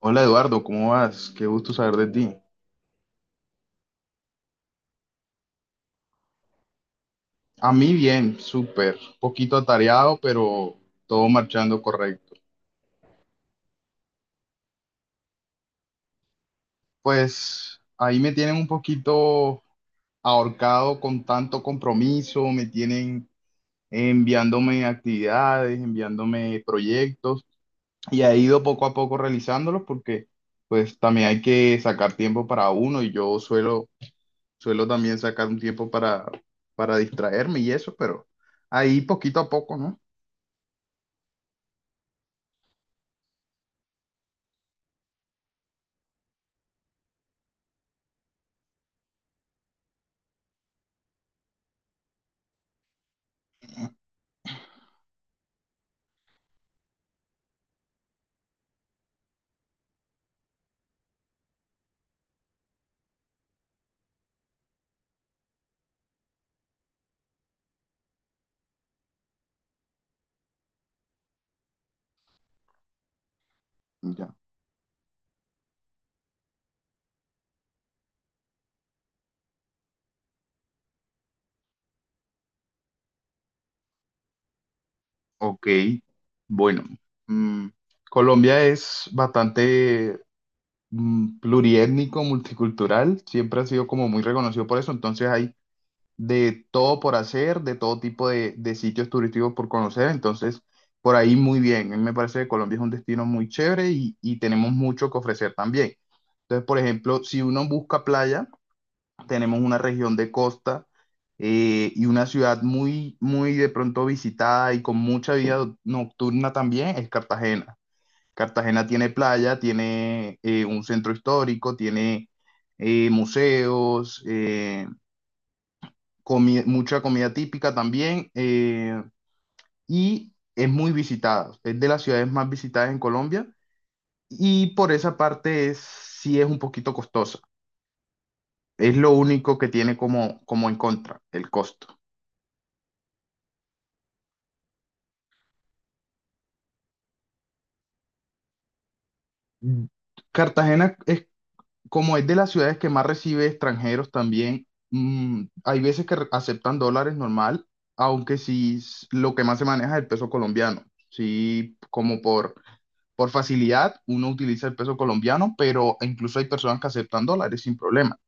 Hola Eduardo, ¿cómo vas? Qué gusto saber de ti. A mí bien, súper, poquito atareado, pero todo marchando correcto. Pues ahí me tienen un poquito ahorcado con tanto compromiso, me tienen enviándome actividades, enviándome proyectos y he ido poco a poco realizándolos porque pues también hay que sacar tiempo para uno y yo suelo también sacar un tiempo para distraerme y eso, pero ahí poquito a poco, ¿no? Ok, bueno, mm, Colombia es bastante pluriétnico, multicultural, siempre ha sido como muy reconocido por eso, entonces hay de todo por hacer, de todo tipo de sitios turísticos por conocer, entonces por ahí muy bien, a mí me parece que Colombia es un destino muy chévere y tenemos mucho que ofrecer también. Entonces, por ejemplo, si uno busca playa, tenemos una región de costa y una ciudad muy, muy de pronto visitada y con mucha vida nocturna también es Cartagena. Cartagena tiene playa, tiene un centro histórico, tiene museos, mucha comida típica también, y es muy visitada. Es de las ciudades más visitadas en Colombia y por esa parte es, sí es un poquito costosa. Es lo único que tiene como, como en contra, el costo. Mm, Cartagena es como es de las ciudades que más recibe extranjeros también. Hay veces que aceptan dólares normal, aunque sí lo que más se maneja es el peso colombiano. Sí, como por facilidad uno utiliza el peso colombiano, pero incluso hay personas que aceptan dólares sin problema.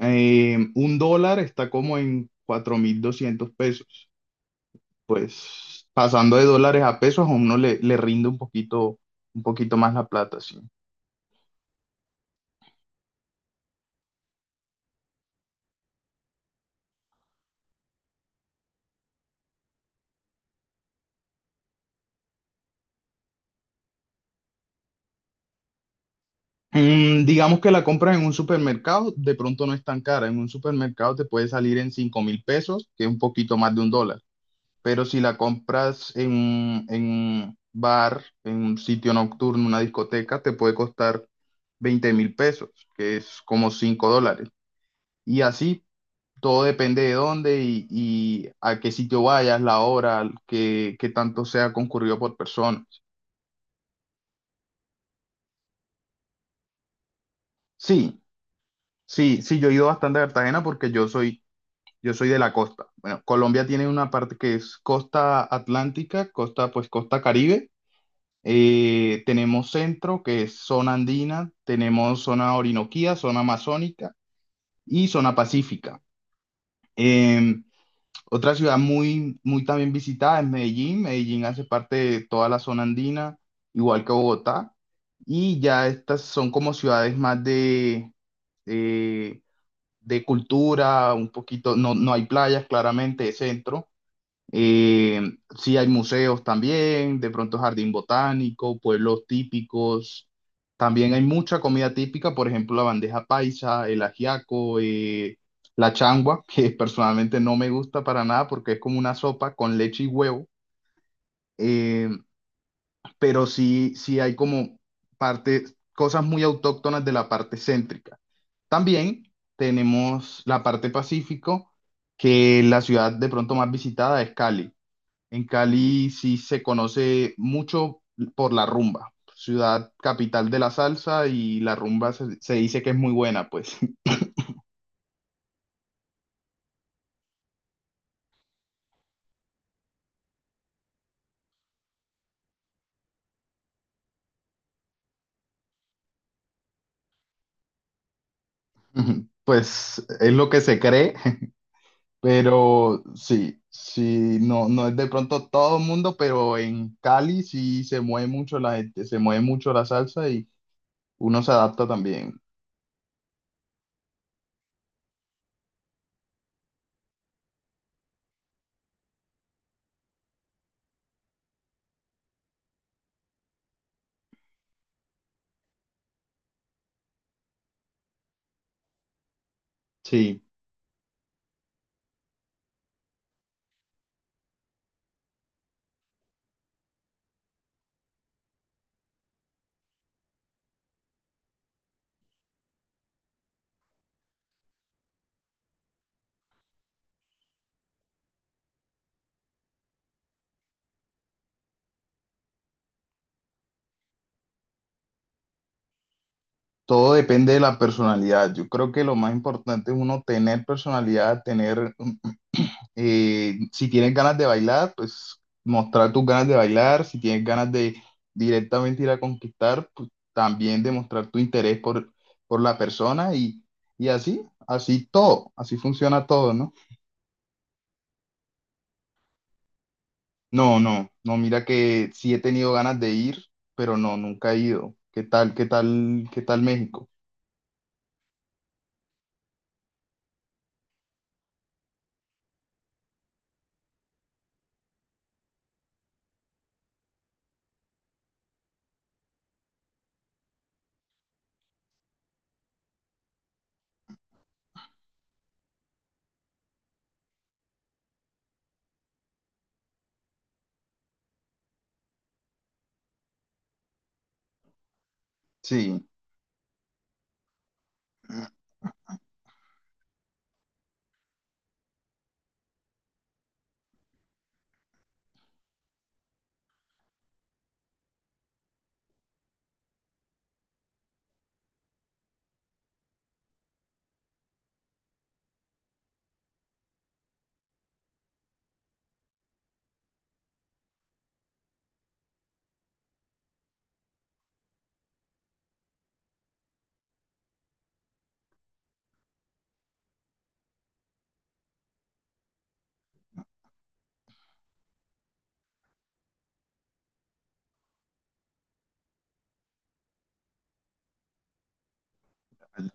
Un dólar está como en 4.200 pesos. Pues pasando de dólares a pesos a uno le, le rinde un poquito más la plata, sí. Digamos que la compras en un supermercado, de pronto no es tan cara. En un supermercado te puede salir en 5.000 pesos, que es un poquito más de un dólar. Pero si la compras en, en un bar, en un sitio nocturno, una discoteca, te puede costar 20.000 pesos, que es como 5 dólares. Y así, todo depende de dónde y a qué sitio vayas, la hora, que tanto sea concurrido por personas. Sí, sí, sí, yo he ido bastante a Cartagena porque yo soy de la costa. Bueno, Colombia tiene una parte que es costa atlántica, costa, pues costa Caribe. Tenemos centro, que es zona andina, tenemos zona orinoquía, zona amazónica y zona pacífica. Em, Otra ciudad muy, muy también visitada es Medellín. Medellín hace parte de toda la zona andina, igual que Bogotá. Y ya estas son como ciudades más eh, de cultura, un poquito, no, no hay playas, claramente, de centro, eh, sí hay museos también, de pronto jardín botánico, pueblos típicos. También hay mucha comida típica, por ejemplo, la bandeja paisa, el ajiaco, la changua, que personalmente no me gusta para nada porque es como una sopa con leche y huevo. Eh, pero sí, sí hay como parte, cosas muy autóctonas de la parte céntrica. También tenemos la parte pacífico, que la ciudad de pronto más visitada es Cali. En Cali sí se conoce mucho por la rumba, ciudad capital de la salsa y la rumba se, se dice que es muy buena, pues, pues es lo que se cree. Pero sí, sí, no, no es de pronto todo el mundo, pero en Cali sí se mueve mucho la gente, se mueve mucho la salsa y uno se adapta también. Sí, todo depende de la personalidad. Yo creo que lo más importante es uno tener personalidad, tener Si tienes ganas de bailar, pues mostrar tus ganas de bailar. Si tienes ganas de directamente ir a conquistar, pues también demostrar tu interés por la persona y así, así todo, así funciona todo, ¿no? No, no, no, mira que sí he tenido ganas de ir, pero no, nunca he ido. ¿Qué tal, qué tal, qué tal México? Sí.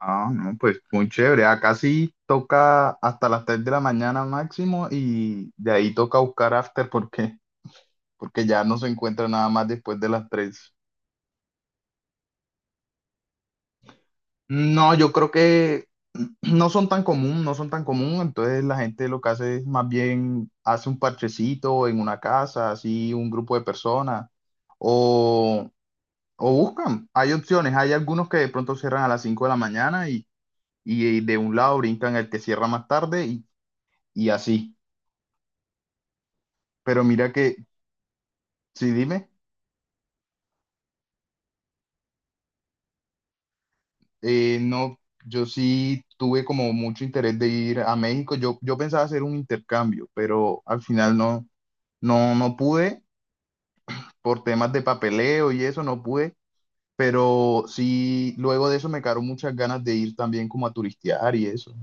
Ah, no, pues muy chévere. Acá sí toca hasta las 3 de la mañana máximo y de ahí toca buscar after porque porque ya no se encuentra nada más después de las 3. No, yo creo que no son tan común, no son tan común, entonces la gente lo que hace es más bien hace un parchecito en una casa, así un grupo de personas, o, o buscan, hay opciones, hay algunos que de pronto cierran a las 5 de la mañana y de un lado brincan el que cierra más tarde y así, pero mira que, sí, dime. No, yo sí tuve como mucho interés de ir a México. Yo pensaba hacer un intercambio, pero al final no, no, no pude por temas de papeleo y eso, no pude. Pero sí, luego de eso me quedaron muchas ganas de ir también como a turistear y eso.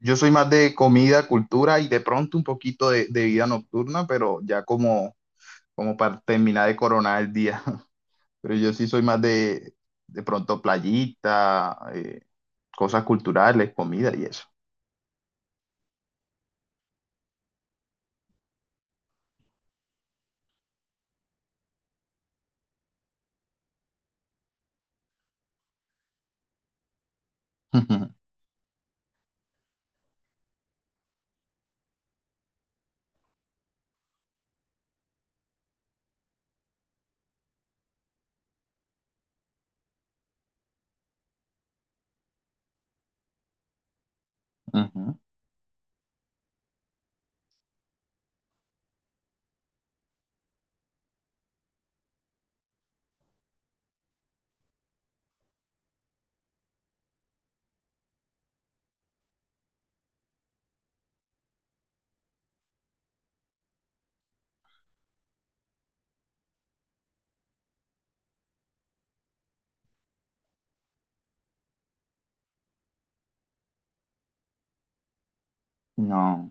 Yo soy más de comida, cultura y de pronto un poquito de vida nocturna, pero ya como, como para terminar de coronar el día. Pero yo sí soy más de pronto playita, cosas culturales, comida y eso. Ujú, ujú. No,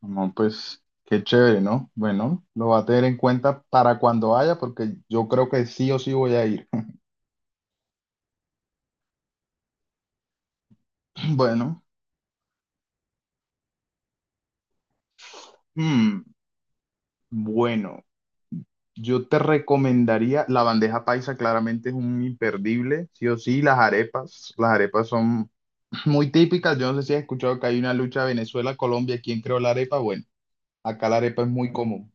no, pues qué chévere, ¿no? Bueno, lo va a tener en cuenta para cuando vaya, porque yo creo que sí o sí voy a ir. Bueno, mm, bueno, yo te recomendaría la bandeja paisa, claramente es un imperdible, sí o sí, las arepas son muy típicas. Yo no sé si has escuchado que hay una lucha Venezuela-Colombia, ¿quién creó la arepa? Bueno, acá la arepa es muy común.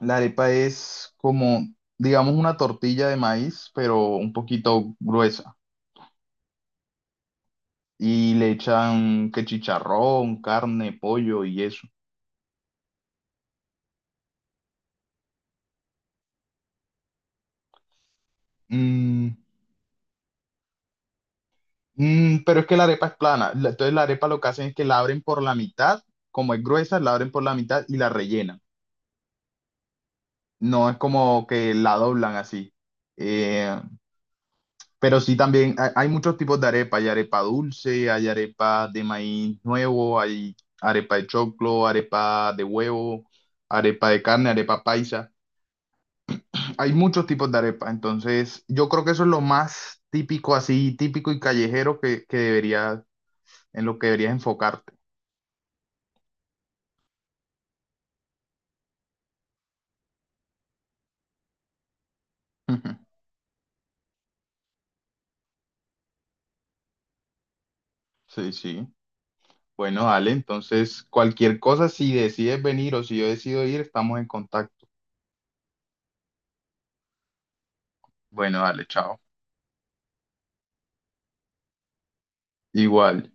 La arepa es como, digamos, una tortilla de maíz, pero un poquito gruesa. Y le echan que chicharrón, carne, pollo y eso. Mm, pero es que la arepa es plana. La- Entonces la arepa lo que hacen es que la abren por la mitad, como es gruesa, la abren por la mitad y la rellenan. No es como que la doblan así. Eh, Pero sí también hay muchos tipos de arepa. Hay arepa dulce, hay arepa de maíz nuevo, hay arepa de choclo, arepa de huevo, arepa de carne, arepa paisa. Hay muchos tipos de arepa. Entonces, yo creo que eso es lo más típico, así típico y callejero que deberías, en lo que deberías enfocarte. Sí, sí. Bueno, Ale, entonces cualquier cosa, si decides venir o si yo decido ir, estamos en contacto. Bueno, dale, chao. Igual.